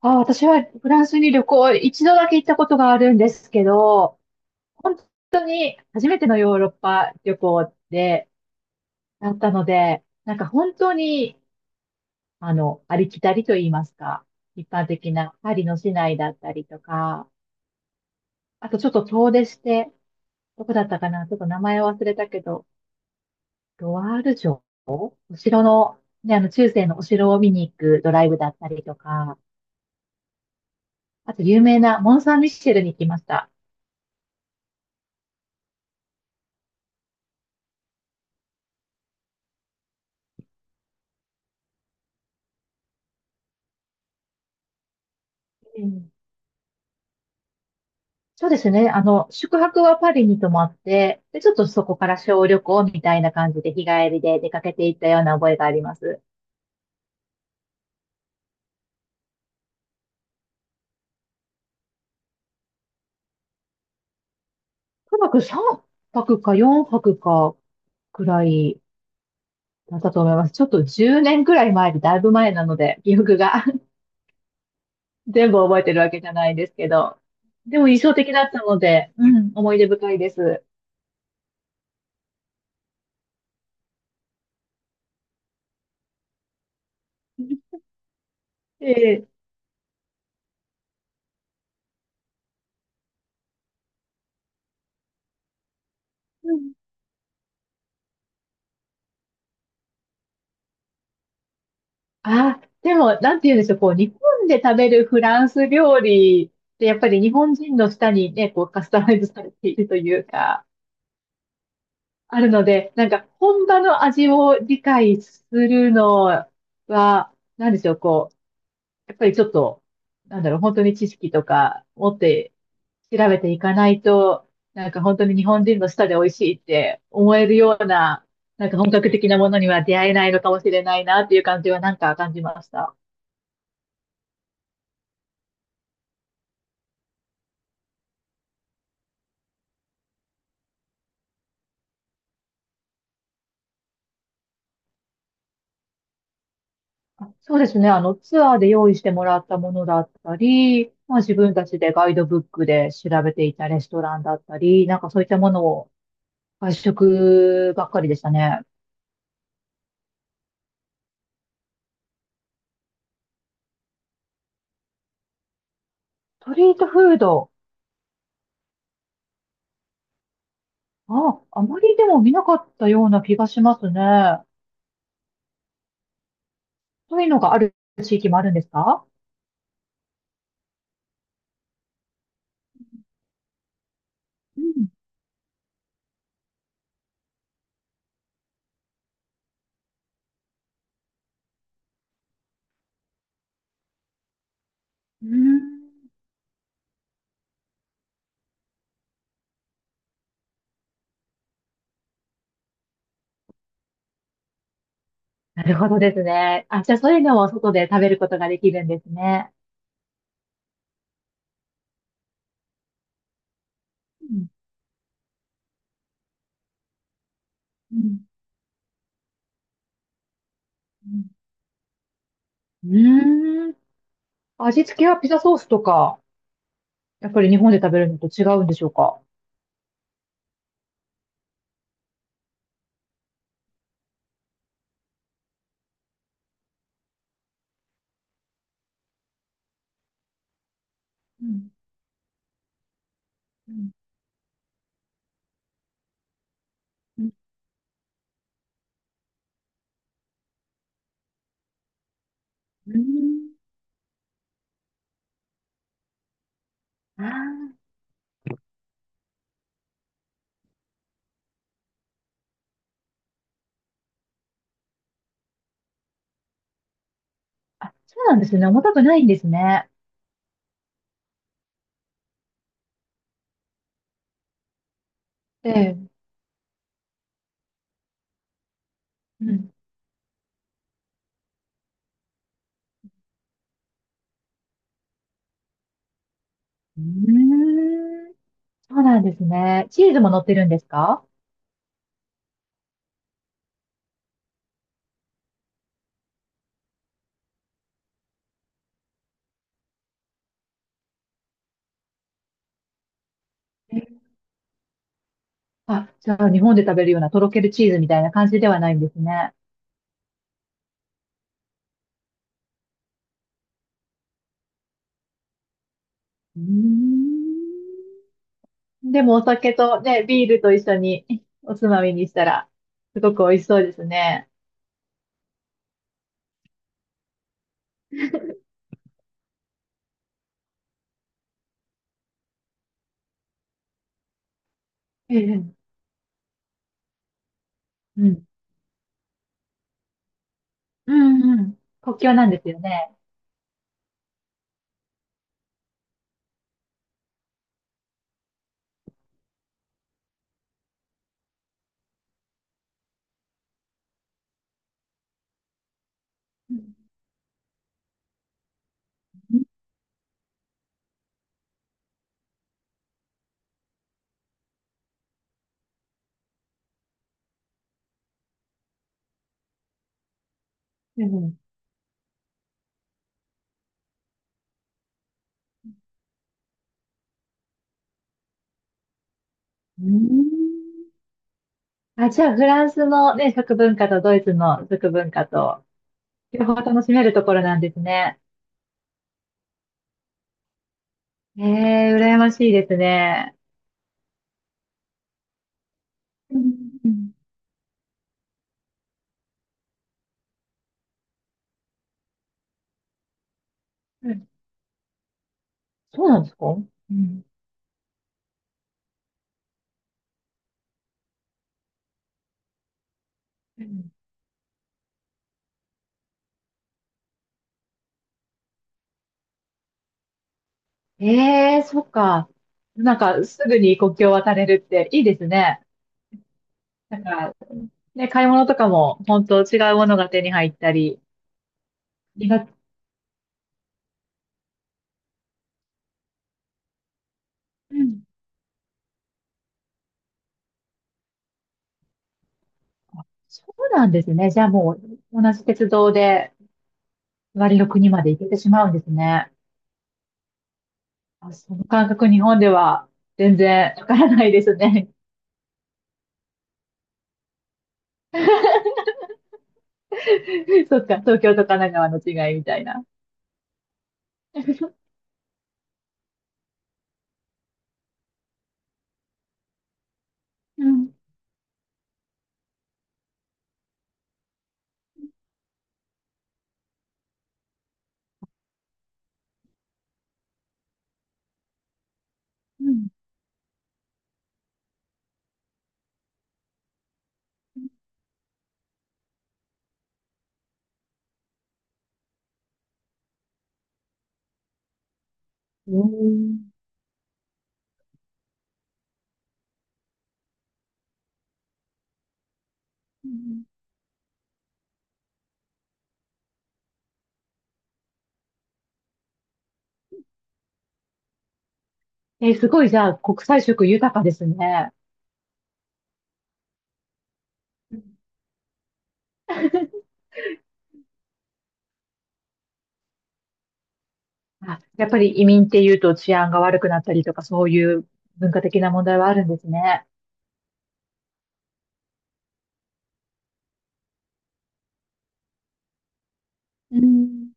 あ、私はフランスに旅行、一度だけ行ったことがあるんですけど、本当に初めてのヨーロッパ旅行で、だったので、なんか本当に、ありきたりと言いますか、一般的なパリの市内だったりとか、あとちょっと遠出して、どこだったかな、ちょっと名前忘れたけど、ロワール城、お城の、ね、中世のお城を見に行くドライブだったりとか、あと有名なモン・サン・ミッシェルに行きました。うん。そうですね。宿泊はパリに泊まって、で、ちょっとそこから小旅行みたいな感じで日帰りで出かけていったような覚えがあります。とにかく3泊か4泊かくらいだったと思います。ちょっと10年くらい前でだいぶ前なので、記憶が 全部覚えてるわけじゃないんですけど。でも印象的だったので、うん、思い出深いです。ええ。あ、でも、なんて言うんでしょう、こう、日本で食べるフランス料理って、やっぱり日本人の舌にね、こう、カスタマイズされているというか、あるので、なんか、本場の味を理解するのは、なんでしょう、こう、やっぱりちょっと、なんだろう、本当に知識とか持って調べていかないと、なんか本当に日本人の舌で美味しいって思えるような、なんか本格的なものには出会えないのかもしれないなっていう感じはなんか感じました。あ、そうですね。ツアーで用意してもらったものだったり、まあ自分たちでガイドブックで調べていたレストランだったり、なんかそういったものを外食ばっかりでしたね。ストリートフード、あ、あまりでも見なかったような気がしますね。そういうのがある地域もあるんですか？うん、うーん。なるほどですね。あ、じゃあそういうのを外で食べることができるんですね。うん、うん、うん、うーん。味付けはピザソースとかやっぱり日本で食べるのと違うんでしょうか？うん、うん、うん、うん。ああ、あ、そうなんですね。重たくないんですね。ええ、うん。うーん、そうなんですね。チーズも乗ってるんですか？ええ。あ、じゃあ日本で食べるようなとろけるチーズみたいな感じではないんですね。うーん、でもお酒とね、ビールと一緒におつまみにしたら、すごく美味しそうですね。ええ、うん。うん、うん。国境なんですよね。うん、うん、うーん。あ、じゃあ、フランスのね、食文化とドイツの食文化と、両方楽しめるところなんですね。ええ、羨ましいですね。うん、うん、うん。そうなんですか？うん、うん。ええ、そっか。なんか、すぐに国境を渡れるっていいですね。なんか、ね、買い物とかも、本当違うものが手に入ったり、気が。うん。あ、そうなんですね。じゃあもう、同じ鉄道で、隣の国まで行けてしまうんですね。あ、その感覚日本では全然わからないですね。そっか、東京と神奈川の違いみたいな。うん。うん。うん。えー、すごい、じゃあ、国際色豊かですね。あ、やっぱり移民っていうと治安が悪くなったりとか、そういう文化的な問題はあるんですね。うん。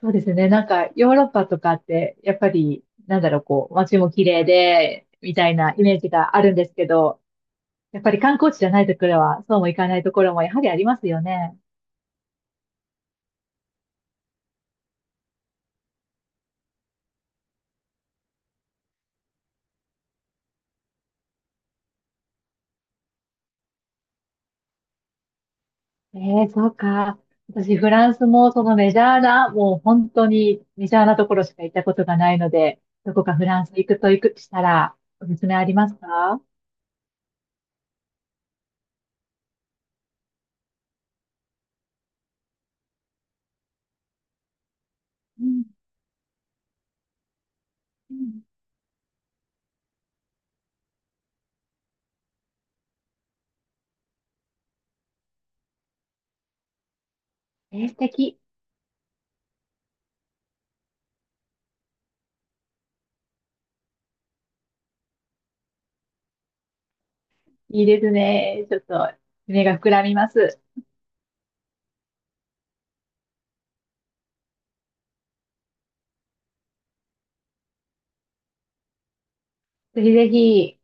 そうですね。なんか、ヨーロッパとかって、やっぱり、なんだろう、こう、街も綺麗で、みたいなイメージがあるんですけど、やっぱり観光地じゃないところは、そうもいかないところもやはりありますよね。ええ、そうか。私、フランスもそのメジャーな、もう本当にメジャーなところしか行ったことがないので、どこかフランス行くと行くしたら、おすすめありますか？うん、うん。えー、素敵。いいですね。ちょっと、夢が膨らみます。ぜひぜひ。